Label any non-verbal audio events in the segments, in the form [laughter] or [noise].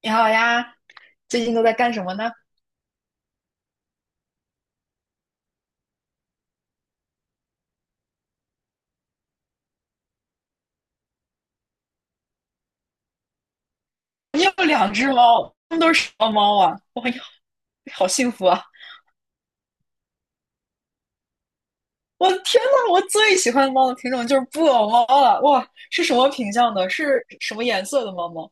你好呀，最近都在干什么呢？你有两只猫，它们都是什么猫啊？我呀，好幸福啊！我的天呐，我最喜欢的猫的品种就是布偶猫了。哇，是什么品相的？是什么颜色的猫猫？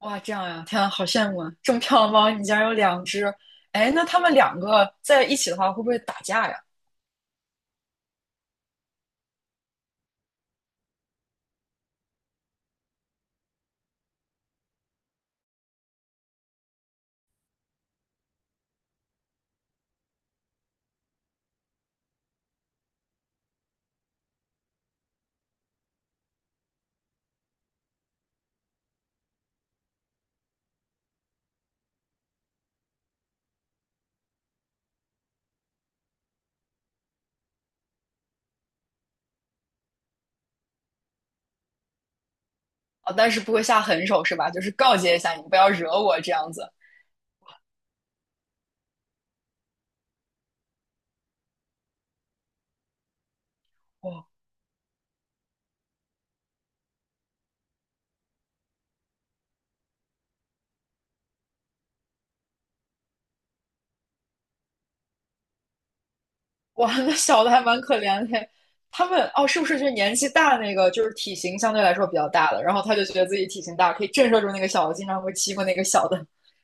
哇，这样呀，天啊，好羡慕啊！这么漂亮的猫，你竟然有两只。哎，那它们两个在一起的话，会不会打架呀？啊，但是不会下狠手是吧？就是告诫一下你，不要惹我这样子。哇，哇，那小的还蛮可怜的。他们哦，是不是就是年纪大那个，就是体型相对来说比较大的，然后他就觉得自己体型大，可以震慑住那个小的，经常会欺负那个小的。[laughs]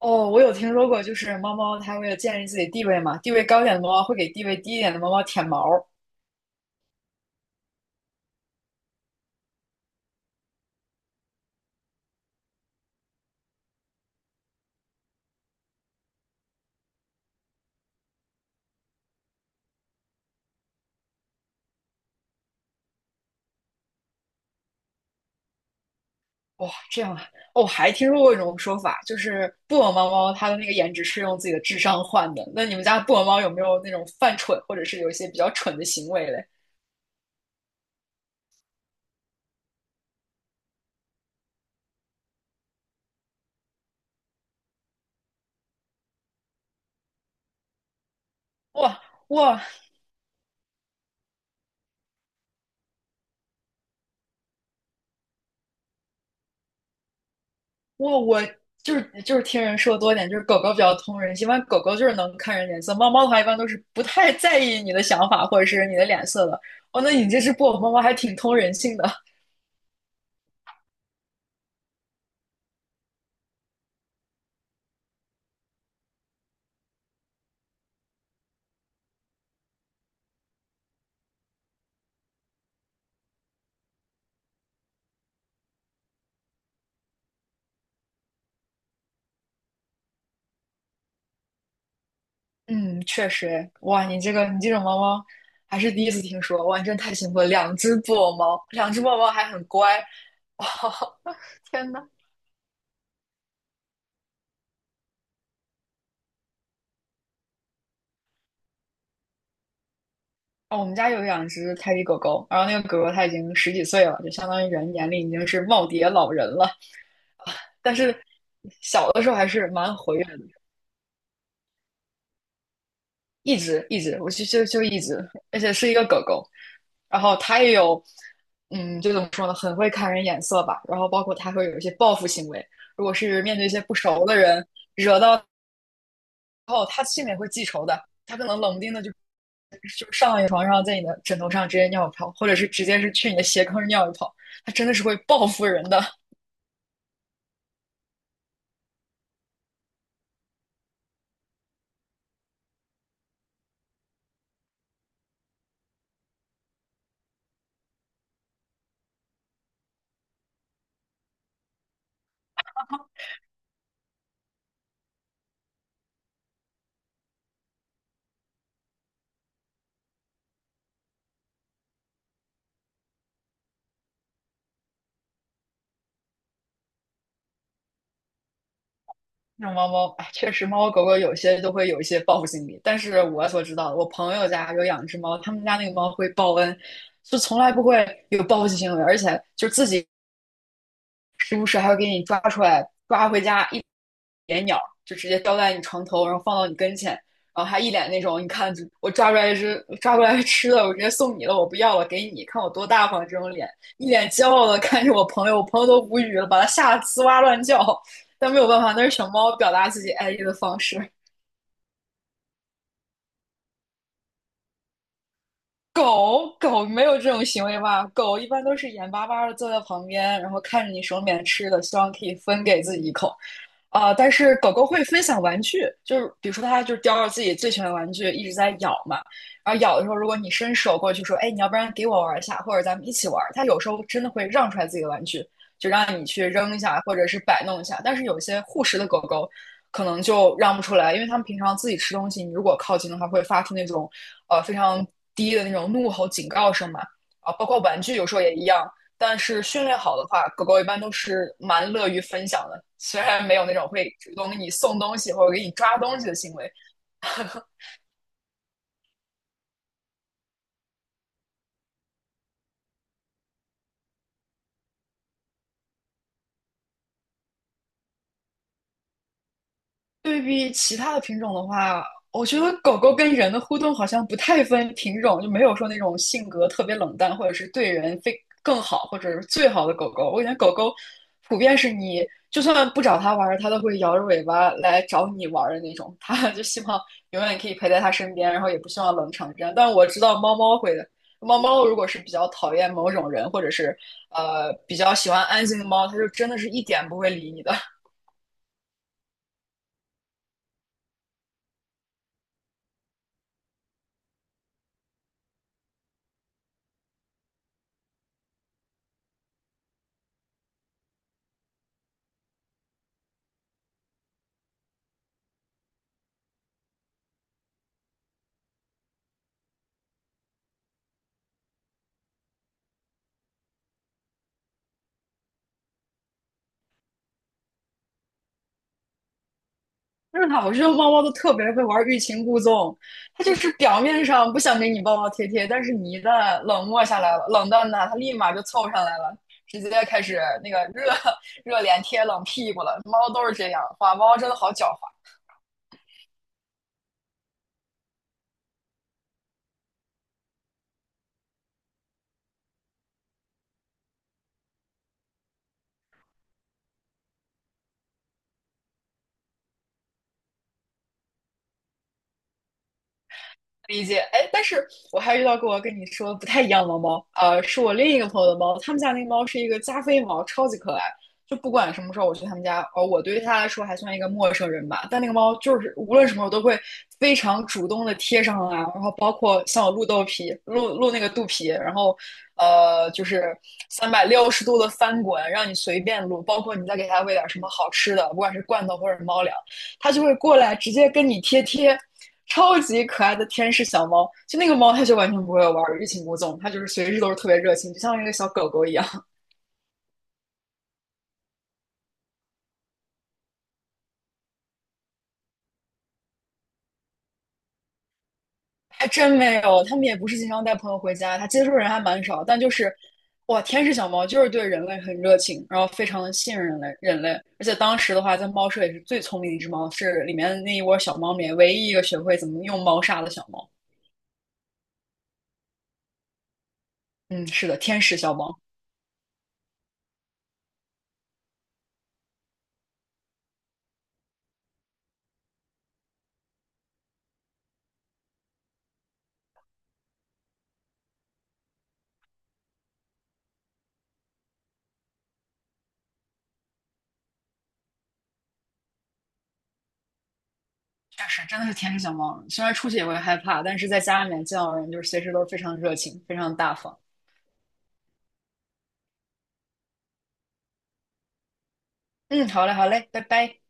哦，我有听说过，就是猫猫它为了建立自己地位嘛，地位高一点的猫猫会给地位低一点的猫猫舔毛。哇，这样啊！哦，我还听说过一种说法，就是布偶猫猫它的那个颜值是用自己的智商换的。那你们家布偶猫有没有那种犯蠢，或者是有一些比较蠢的行为嘞？哇哇，我就是听人说多一点，就是狗狗比较通人性，一般狗狗就是能看人脸色，猫猫的话一般都是不太在意你的想法或者是你的脸色的。哦，那你这只布偶猫猫还挺通人性的。[laughs] 嗯，确实，哎哇，你这种猫猫还是第一次听说，哇，你真太幸福了，两只布偶猫，两只布偶猫还很乖，哇、[laughs] 天呐！哦，我们家有两只泰迪狗狗，然后那个狗狗它已经十几岁了，就相当于人眼里已经是耄耋老人了。但是小的时候还是蛮活跃的，一直，我就一直，而且是一个狗狗，然后它也有，嗯，就怎么说呢，很会看人眼色吧，然后包括它会有一些报复行为，如果是面对一些不熟的人，惹到后，它心里也会记仇的。它可能冷不丁的就上你床上，在你的枕头上直接尿一泡，或者是直接是去你的鞋坑尿一泡，它真的是会报复人的。那种猫猫，哎，确实猫猫狗狗有些都会有一些报复心理。但是我所知道的，我朋友家有养只猫，他们家那个猫会报恩，就从来不会有报复性行为，而且就自己时不时还会给你抓出来，抓回家一连鸟，就直接叼在你床头，然后放到你跟前，然后还一脸那种，你看我抓出来一只，抓过来吃的，我直接送你了，我不要了，给你，看我多大方这种脸，一脸骄傲的看着我朋友，我朋友都无语了，把他吓得呲哇乱叫，[laughs] 但没有办法，那是小猫表达自己爱意的方式。狗狗没有这种行为吧？狗一般都是眼巴巴的坐在旁边，然后看着你手里面吃的，希望可以分给自己一口。啊、但是狗狗会分享玩具，就是比如说它就是叼着自己最喜欢的玩具一直在咬嘛，然后咬的时候，如果你伸手过去说，哎，你要不然给我玩一下，或者咱们一起玩，它有时候真的会让出来自己的玩具，就让你去扔一下或者是摆弄一下。但是有些护食的狗狗可能就让不出来，因为它们平常自己吃东西，你如果靠近的话，会发出那种非常低的那种怒吼警告声嘛。啊，包括玩具有时候也一样。但是训练好的话，狗狗一般都是蛮乐于分享的，虽然没有那种会主动给你送东西或者给你抓东西的行为，对比其他的品种的话，我觉得狗狗跟人的互动好像不太分品种，就没有说那种性格特别冷淡，或者是对人非更好，或者是最好的狗狗。我感觉狗狗普遍是你就算不找它玩儿，它都会摇着尾巴来找你玩儿的那种。它就希望永远可以陪在它身边，然后也不希望冷场这样。但我知道猫猫会的，猫猫如果是比较讨厌某种人，或者是比较喜欢安静的猫，它就真的是一点不会理你的。就是的，我觉得猫猫都特别会玩欲擒故纵，它就是表面上不想给你抱抱贴贴，但是你一旦冷漠下来了，冷淡它，它立马就凑上来了，直接开始那个热 [laughs] 热脸贴冷屁股了。猫都是这样，哇，猫真的好狡猾。理解，哎，但是我还遇到过跟你说不太一样的猫，是我另一个朋友的猫，他们家那个猫是一个加菲猫，超级可爱。就不管什么时候我去他们家，我对它来说还算一个陌生人吧，但那个猫就是无论什么时候都会非常主动的贴上来，然后包括像我露豆皮，露露那个肚皮，然后就是360度的翻滚，让你随便撸，包括你再给它喂点什么好吃的，不管是罐头或者猫粮，它就会过来直接跟你贴贴，超级可爱的天使小猫。就那个猫，它就完全不会玩，欲擒故纵，它就是随时都是特别热情，就像一个小狗狗一样。[laughs] 还真没有，他们也不是经常带朋友回家，它接触人还蛮少，但就是。哇，天使小猫就是对人类很热情，然后非常的信任人类。人类，而且当时的话，在猫舍也是最聪明的一只猫，是里面那一窝小猫里面唯一一个学会怎么用猫砂的小猫。嗯，是的，天使小猫。确实真的是天使小猫。虽然出去也会害怕，但是在家里面见到人就是随时都是非常热情、非常大方。嗯，好嘞，好嘞，拜拜。